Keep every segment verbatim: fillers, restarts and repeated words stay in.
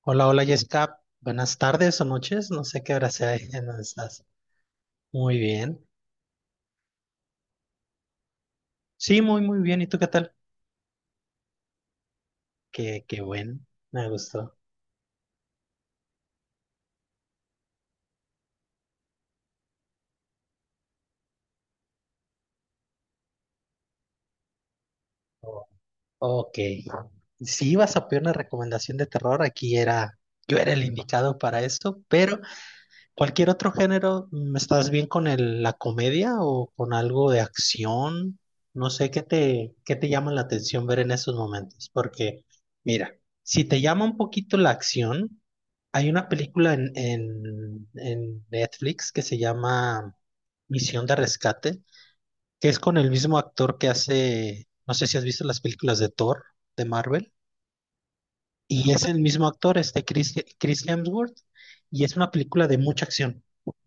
Hola, hola Jessica, buenas tardes o noches, no sé qué hora sea en donde estás. Muy bien. Sí, muy, muy bien. ¿Y tú qué tal? Qué, qué buen, me gustó. Oh, Ok. Si ibas a pedir una recomendación de terror, aquí era, yo era el indicado para esto, pero ¿cualquier otro género? mm, ¿Estás bien con el- la comedia o con algo de acción? No sé qué te, qué te llama la atención ver en esos momentos, porque mira, si te llama un poquito la acción, hay una película en, en, en Netflix que se llama Misión de Rescate, que es con el mismo actor que hace, no sé si has visto las películas de Thor, de Marvel, y es el mismo actor, este Chris, Chris Hemsworth, y es una película de mucha acción.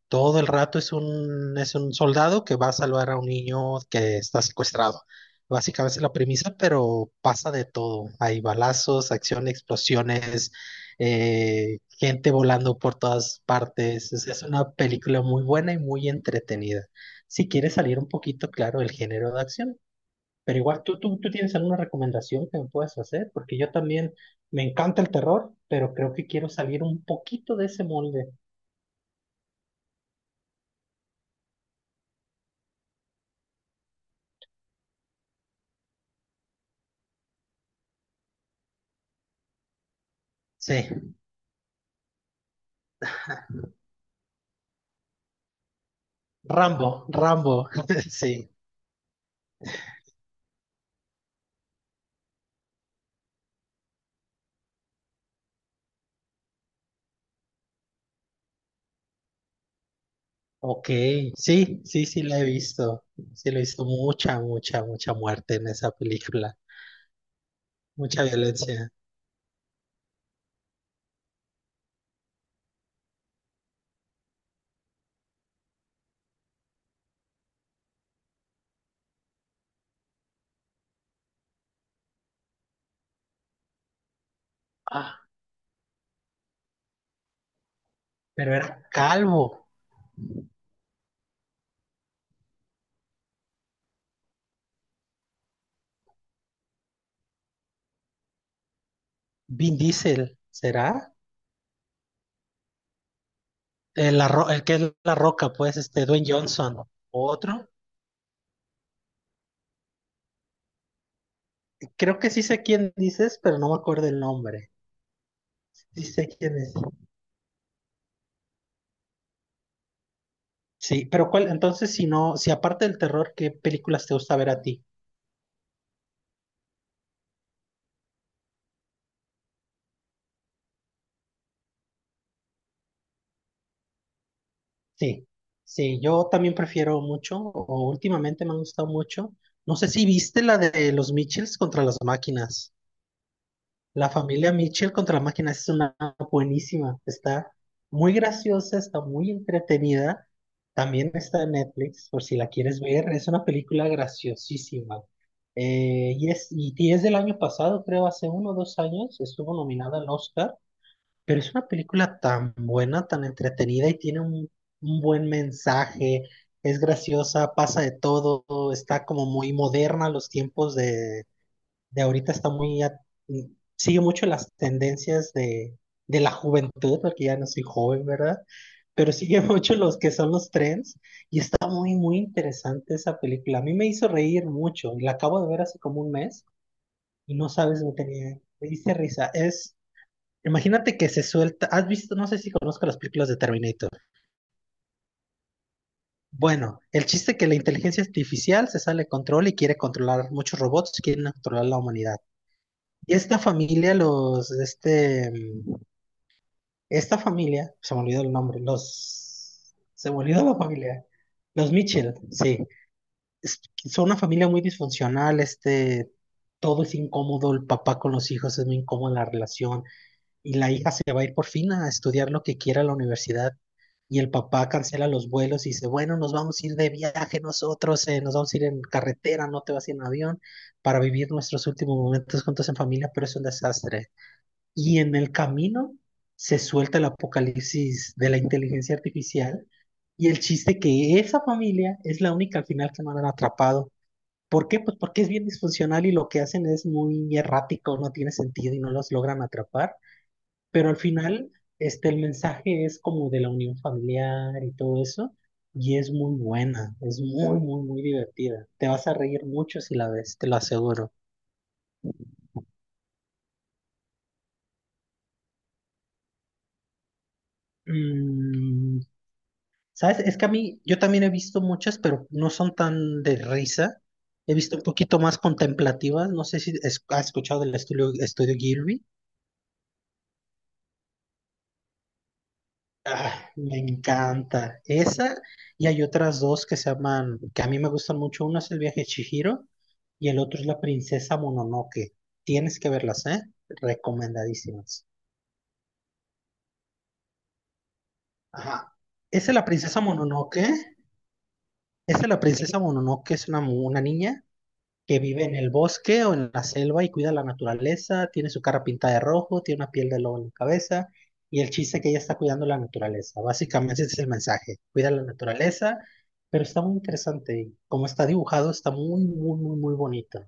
Todo el rato es un, es un soldado que va a salvar a un niño que está secuestrado. Básicamente es la premisa, pero pasa de todo. Hay balazos, acción, explosiones, eh, gente volando por todas partes. Es, es una película muy buena y muy entretenida. Si quieres salir un poquito, claro, del género de acción. Pero igual, ¿tú, tú, tú tienes alguna recomendación que me puedas hacer? Porque yo también me encanta el terror, pero creo que quiero salir un poquito de ese molde. Sí. Rambo, Rambo, sí, ok, sí, sí, sí la he visto, sí lo he visto mucha, mucha, mucha muerte en esa película, mucha violencia. Ah, pero era calvo. ¿Vin Diesel, será? El, la Ro- el que es La Roca, pues, este, Dwayne Johnson, otro. Creo que sí sé quién dices, pero no me acuerdo el nombre. Sí sé quién es. Sí, pero cuál, entonces, si no, si aparte del terror, ¿qué películas te gusta ver a ti? Sí, sí, yo también prefiero mucho, o últimamente me han gustado mucho. No sé si viste la de los Mitchells contra las máquinas. La familia Mitchell contra las máquinas es una buenísima. Está muy graciosa, está muy entretenida. También está en Netflix, por si la quieres ver. Es una película graciosísima. Eh, y es, y y es del año pasado, creo, hace uno o dos años, estuvo nominada al Oscar. Pero es una película tan buena, tan entretenida y tiene un, un buen mensaje, es graciosa, pasa de todo, está como muy moderna, los tiempos de, de ahorita está muy, a- sigue mucho las tendencias de, de la juventud, porque ya no soy joven, ¿verdad? Pero sigue mucho los que son los trends y está muy, muy interesante esa película. A mí me hizo reír mucho, y la acabo de ver hace como un mes y no sabes, me tenía, me hice risa. Es imagínate que se suelta, has visto, no sé si conozco las películas de Terminator. Bueno, el chiste es que la inteligencia artificial se sale de control y quiere controlar muchos robots, quieren controlar la humanidad. Y esta familia, los, este, mm, esta familia, se me olvidó el nombre, los, se me olvidó la familia, los Mitchell, sí. Es- son una familia muy disfuncional, este, todo es incómodo, el papá con los hijos es muy incómoda la relación, y la hija se va a ir por fin a estudiar lo que quiera a la universidad. Y el papá cancela los vuelos y dice, bueno, nos vamos a ir de viaje nosotros, eh, nos vamos a ir en carretera, no te vas a ir en avión, para vivir nuestros últimos momentos juntos en familia, pero es un desastre. Y en el camino se suelta el apocalipsis de la inteligencia artificial y el chiste que esa familia es la única al final que no han atrapado. ¿Por qué? Pues porque es bien disfuncional y lo que hacen es muy errático, no tiene sentido y no los logran atrapar. Pero al final, este, el mensaje es como de la unión familiar y todo eso, y es muy buena, es muy, muy, muy divertida. Te vas a reír mucho si la ves, te lo aseguro. Mm, ¿sabes? Es que a mí, yo también he visto muchas, pero no son tan de risa. He visto un poquito más contemplativas. No sé si es- has escuchado del estudio, estudio Gilby. Ah, me encanta. Esa y hay otras dos que se llaman, que a mí me gustan mucho. Una es El viaje de Chihiro y el otro es La princesa Mononoke. Tienes que verlas, ¿eh? Recomendadísimas. Ajá. Esa es La princesa Mononoke. Esa es La princesa Mononoke, es una, mu- una niña que vive en el bosque o en la selva y cuida la naturaleza, tiene su cara pintada de rojo, tiene una piel de lobo en la cabeza y el chiste es que ella está cuidando la naturaleza. Básicamente ese es el mensaje, cuida la naturaleza, pero está muy interesante y como está dibujado está muy, muy, muy, muy bonito.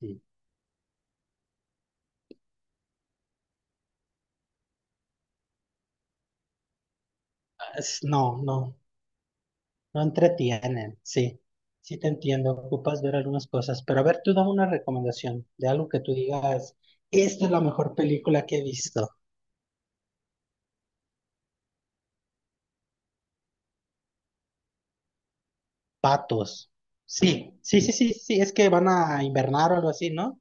Sí. Es- no, no, no entretienen, sí. Sí te entiendo, ocupas ver algunas cosas, pero a ver, tú dame una recomendación de algo que tú digas, esta es la mejor película que he visto. Patos. Sí, sí, sí, sí, sí, es que van a invernar o algo así, ¿no?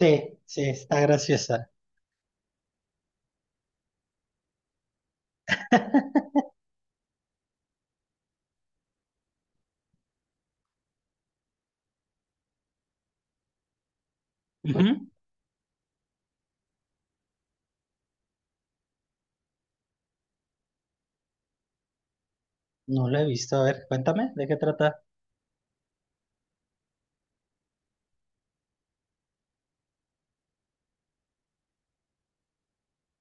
Sí, sí, está graciosa. Ujú. No la he visto. A ver, cuéntame, ¿de qué trata?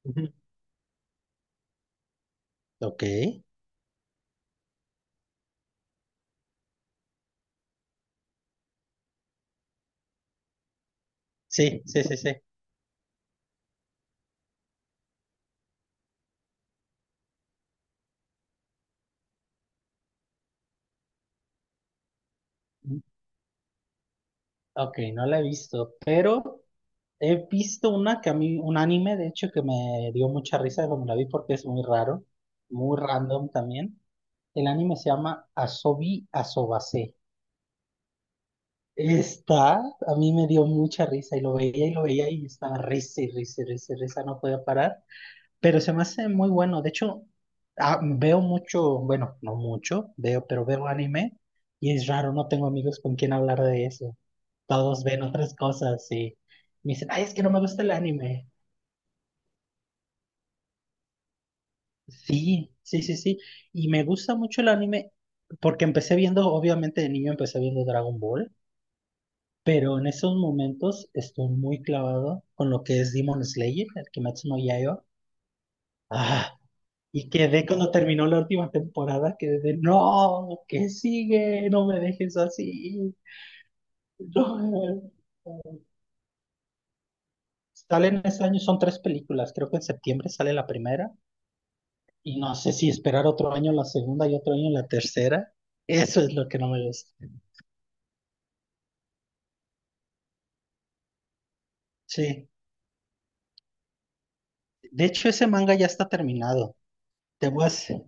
Ujú. Ok. Sí, sí, sí, sí. Ujú. Ok, no la he visto, pero he visto una que a mí, un anime, de hecho, que me dio mucha risa cuando la vi porque es muy raro, muy random también. El anime se llama Asobi Asobase. Está, a mí me dio mucha risa y lo veía y lo veía y estaba risa y risa y risa y risa, no podía parar, pero se me hace muy bueno. De hecho, ah, veo mucho, bueno, no mucho, veo, pero veo anime y es raro, no tengo amigos con quien hablar de eso. Todos ven otras cosas y me dicen, ay, es que no me gusta el anime. Sí, sí, sí, sí. Y me gusta mucho el anime porque empecé viendo, obviamente de niño empecé viendo Dragon Ball. Pero en esos momentos estoy muy clavado con lo que es Demon Slayer, el Kimetsu no Yaiba. Ah, y quedé cuando terminó la última temporada, quedé de, no, ¿qué sigue? No me dejes así. No. Salen ese año, son tres películas, creo que en septiembre sale la primera y no sé si esperar otro año la segunda y otro año la tercera. Eso es lo que no me gusta. Sí, de hecho ese manga ya está terminado. Te voy a, ser-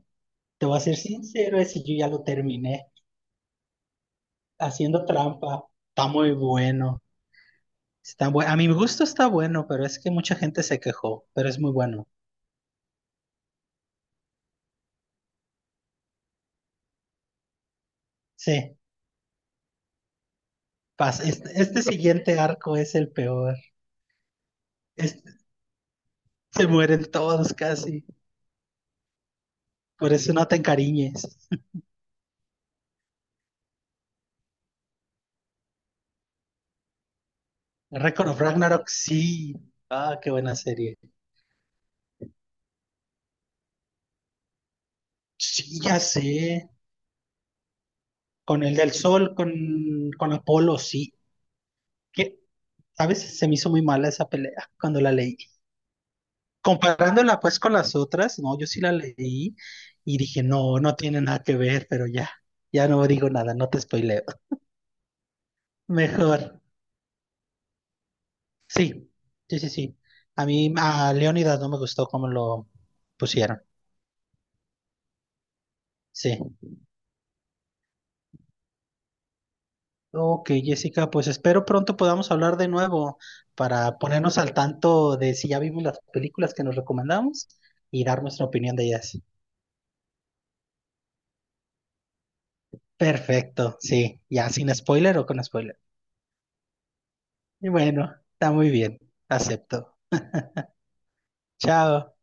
te voy a ser sincero, ese yo ya lo terminé. Haciendo trampa. Está muy bueno. Está bue- a mi gusto está bueno, pero es que mucha gente se quejó, pero es muy bueno. Sí, pasa. Este, este siguiente arco es el peor. Este- Se mueren todos casi. Por eso no te encariñes. Record of Ragnarok, sí. Ah, qué buena serie. Sí, ya sé. Con el del sol, con, con Apolo, sí. ¿Qué? ¿Sabes? Se me hizo muy mala esa pelea cuando la leí. Comparándola pues con las otras, no, yo sí la leí y dije, no, no tiene nada que ver, pero ya, ya no digo nada, no te spoileo. Mejor, sí, sí, sí, sí. A mí, a Leonidas no me gustó cómo lo pusieron, sí. Ok, Jessica, pues espero pronto podamos hablar de nuevo para ponernos al tanto de si ya vimos las películas que nos recomendamos y dar nuestra opinión de ellas. Perfecto, sí, ya sin spoiler o con spoiler. Y bueno, está muy bien, acepto. Chao.